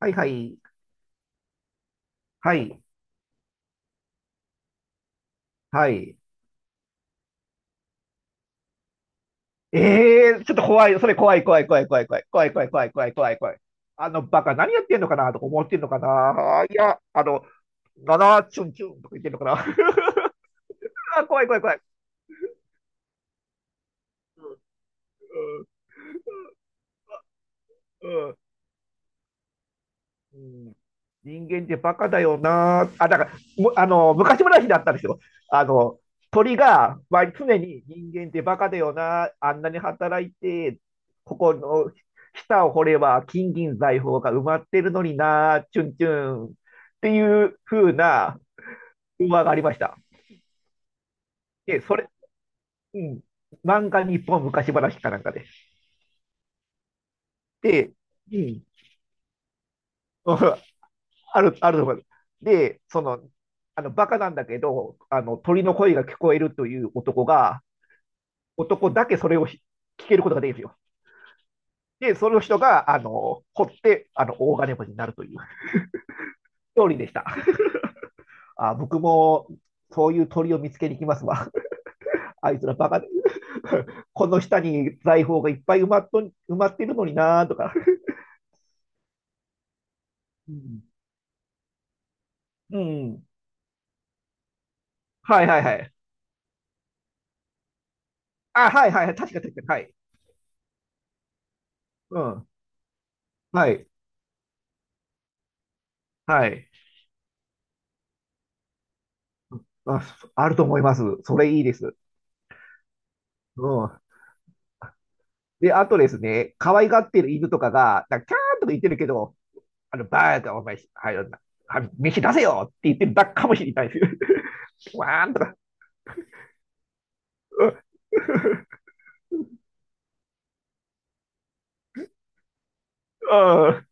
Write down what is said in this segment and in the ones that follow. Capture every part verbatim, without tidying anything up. はいはい。はい。はい。ええーちょっと怖い。それ怖い怖い怖い怖い怖い怖い怖い怖い怖い怖い怖い。あのバカ何やってんのかなとか思ってんのかな。いや、あの、ななチュンチュンとか言ってんのかな。あ、怖い怖い怖い。うんうんうんうん、人間ってバカだよなー。あ、だから、むあの、昔話だったんですよ。あの、鳥が、まあ、常に人間ってバカだよな。あんなに働いて、ここの下を掘れば金銀財宝が埋まってるのにな、チュンチュンっていう風な馬がありました。で、それ、うん、漫画日本昔話かなんかで。で、うん、ある、あると思います。で、その、あの、バカなんだけど、あの、鳥の声が聞こえるという男が、男だけそれをひ聞けることができるんですよ。で、その人が、あの、掘って、あの、大金持ちになるというストーリーでした。あ、僕も、そういう鳥を見つけに行きますわ。あいつらバカで、この下に財宝がいっぱい埋まっと、埋まってるのになーとか。うん。うん。はいはいはい。あ、はいはいはい。確か確かに。はい。うん。はい。はい。あ、あると思います。それいいです。うん。で、あとですね、可愛がってる犬とかが、なんかキャーンとか言ってるけど、あの、バーカお前、はい、なはい飯出せよって言ってるだけかもしれないです。わーんとか。うんうん、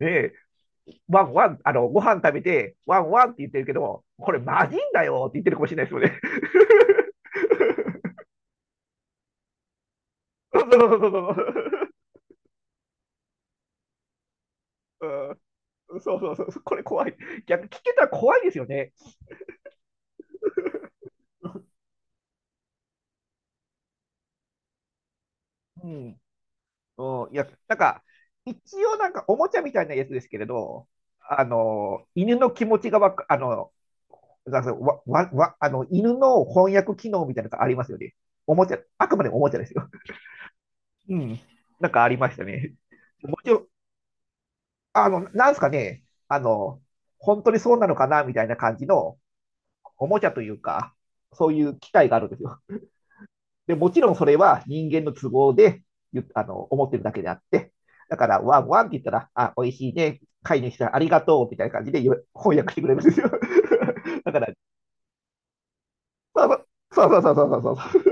ねえ、ワンワン、あの、ご飯食べて、ワンワンって言ってるけど、これマジんだよって言ってるかもしれないですよね。そうそうそうそうそう。うん、そうそうそう。これ怖い。逆、聞けたら怖いですよね。うんうん、いや、なんか、一応なんかおもちゃみたいなやつですけれど、あの、犬の気持ちがわか、あの、なんかわ、わ、わ、あの、犬の翻訳機能みたいなのがありますよね。おもちゃ、あくまでもおもちゃですよ。うん。なんかありましたね。もちろん、あの、なんすかね、あの、本当にそうなのかなみたいな感じのおもちゃというか、そういう機械があるんですよ。で、もちろんそれは人間の都合であの思ってるだけであって、だから、ワンワンって言ったら、あ、美味しいね、飼い主さんありがとうみたいな感じで 翻訳してくれるんですよ。だから、そうそうそうそうそうそうそ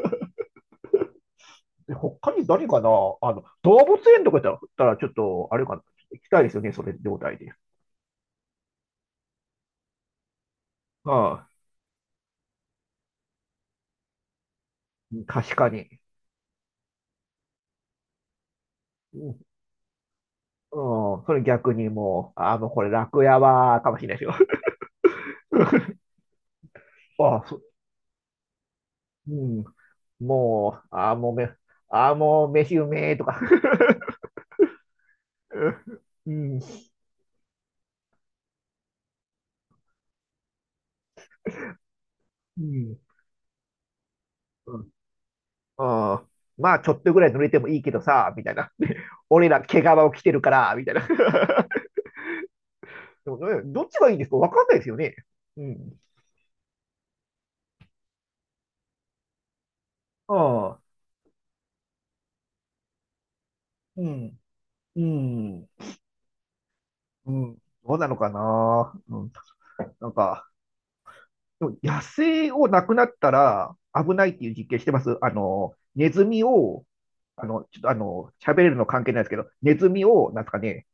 う。他に何かな、あの、動物園とかだったら、ちょっと、あれかな、行きたいですよね、それ状態で。ああ、確かに。うん、うん、それ逆にもう、あ、もうこれ楽屋は、かもしれないですよ。ああ、そ、うん、もう、ああ、もうめ、ああ、もう飯うめえとか。うん、うん、うん。あー、まあ、ちょっとぐらい濡れてもいいけどさ、みたいな。俺ら毛皮を着てるから、みたいな。でもね、どっちがいいんですかわかんないですよね。うん。ああ、うん、うん、うん。どうなのかな。うん、なんか、でも野生をなくなったら危ないっていう実験してます。あの、ネズミを、あの、ちょっとあの、喋れるの関係ないですけど、ネズミを、なんですかね、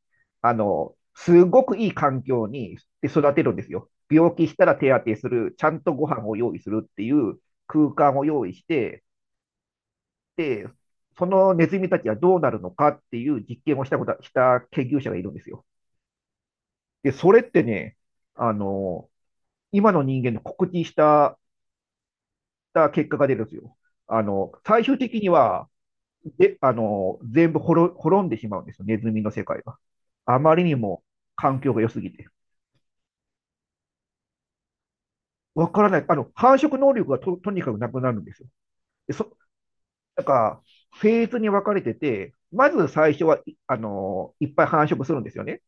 あの、すごくいい環境にで育てるんですよ。病気したら手当てする、ちゃんとご飯を用意するっていう空間を用意して、で、そのネズミたちはどうなるのかっていう実験をしたこと、した研究者がいるんですよ。で、それってね、あの、今の人間の告知したた結果が出るんですよ。あの、最終的には、で、あの、全部滅滅んでしまうんですよ、ネズミの世界が。あまりにも環境が良すぎて。わからない。あの、繁殖能力がと、とにかくなくなるんですよ。で、そ、なんか、フェーズに分かれてて、まず最初は、いあの、いっぱい繁殖するんですよね。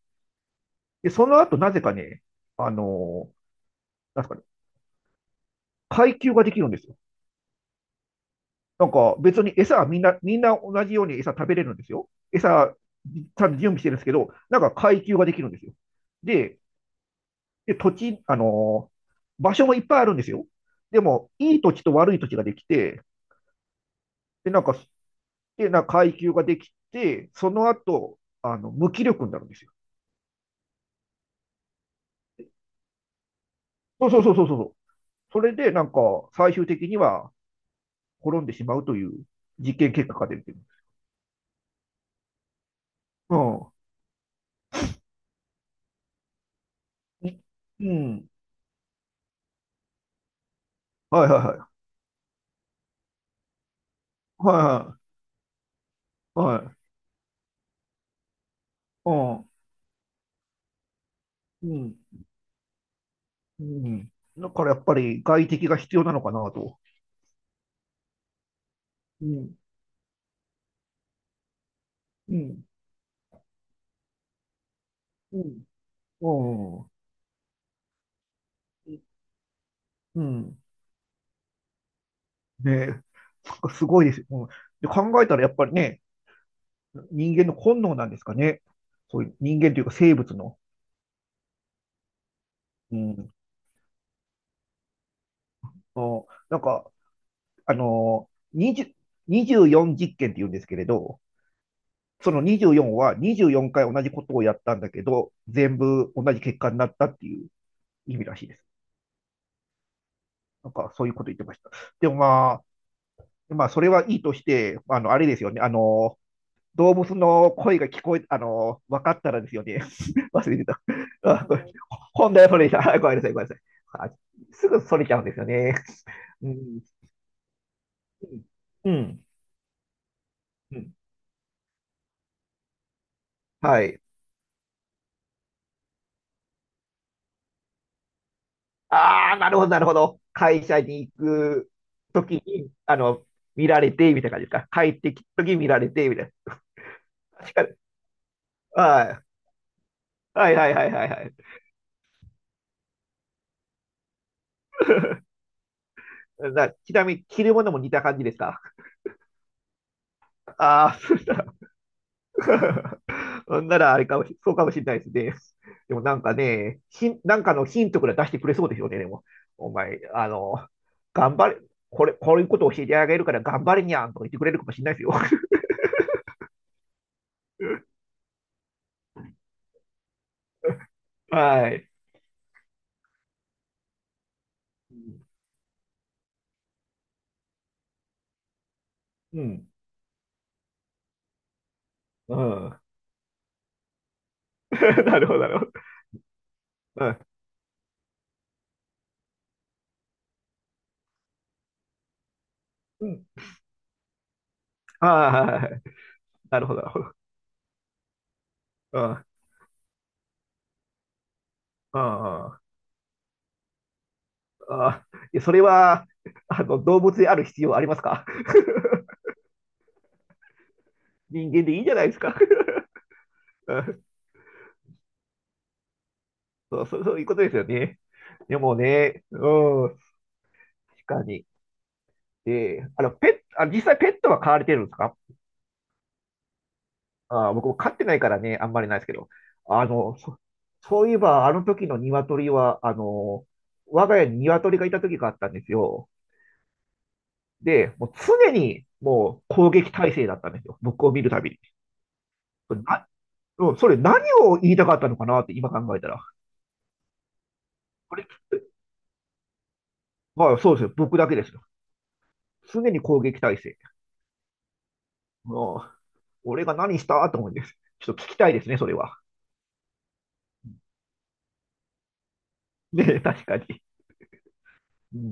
で、その後、なぜかね、あの、なんですかね、階級ができるんですよ。なんか別に餌はみんな、みんな同じように餌食べれるんですよ。餌、ちゃんと準備してるんですけど、なんか階級ができるんですよ。で、で、土地、あのー場所もいっぱいあるんですよ。でも、いい土地と悪い土地ができて、で、なんか、で、なんか階級ができて、その後、あの、無気力になるんですよ。そうそうそうそうそう。それで、なんか、最終的には滅んでしまうという実験結果が出てる。うん。うん。はいはいはい。はいはい。はい。うん。うん。うん。だからやっぱり外敵が必要なのかなと。うん。うん。うん。うん。うん。ねえ。そっかすごいです。うん、で考えたらやっぱりね、人間の本能なんですかね。そういう人間というか生物の。うん。あ、なんか、あのー、にじゅう にじゅうよん実験って言うんですけれど、そのにじゅうよんはにじゅうよんかい同じことをやったんだけど、全部同じ結果になったっていう意味らしいです。なんかそういうこと言ってました。でもまあ、まあ、それはいいとして、あの、あれですよね。あの、動物の声が聞こえ、あの、分かったらですよね。忘れてた。あ、これ本題はそれでした。はい、ごめんなさい、ごめんなさい。あ、すぐそれちゃうんですよね。うん。うん。うん、はい。ああ、なるほど、なるほど。会社に行くときに、あの、見られて、みたいな感じですか。帰ってきたとき見られて、みたいな。確かに。はい。はいはいはいはいはい。な、ちなみに、着るものも似た感じですか。ああ、そうした。ほんなら、あれかもし、そうかもしれないですね。でもなんかね、ヒン、なんかのヒントくらい出してくれそうですよね、でも。お前、あの、頑張れ、これ、こういうことを教えてあげるから頑張れにゃんとか言ってくれるかもしれないですよ。はい。うん。うん。なるほど、なるほど。うん。うん。ああ、はいはい、なるほど、なるほど。うん。うん。ああ。いや、それは、あの、動物である必要ありますか？人間でいいじゃないですか。うん、そう、そう、そういうことですよね。でもね、うん。確かに。で、あの、ペット、あ、実際ペットは飼われてるんですか？あー、僕も飼ってないからね、あんまりないですけど。あの、そ、そういえば、あの時の鶏は、あの、我が家に鶏がいた時があったんですよ。で、もう常にもう攻撃態勢だったんですよ。僕を見るたびに。な、うん、それ何を言いたかったのかなって今考えたら。これ、まあそうですよ。僕だけですよ。常に攻撃態勢。もう、俺が何したと思うんです。ちょっと聞きたいですね、それは。ね、確かに。うん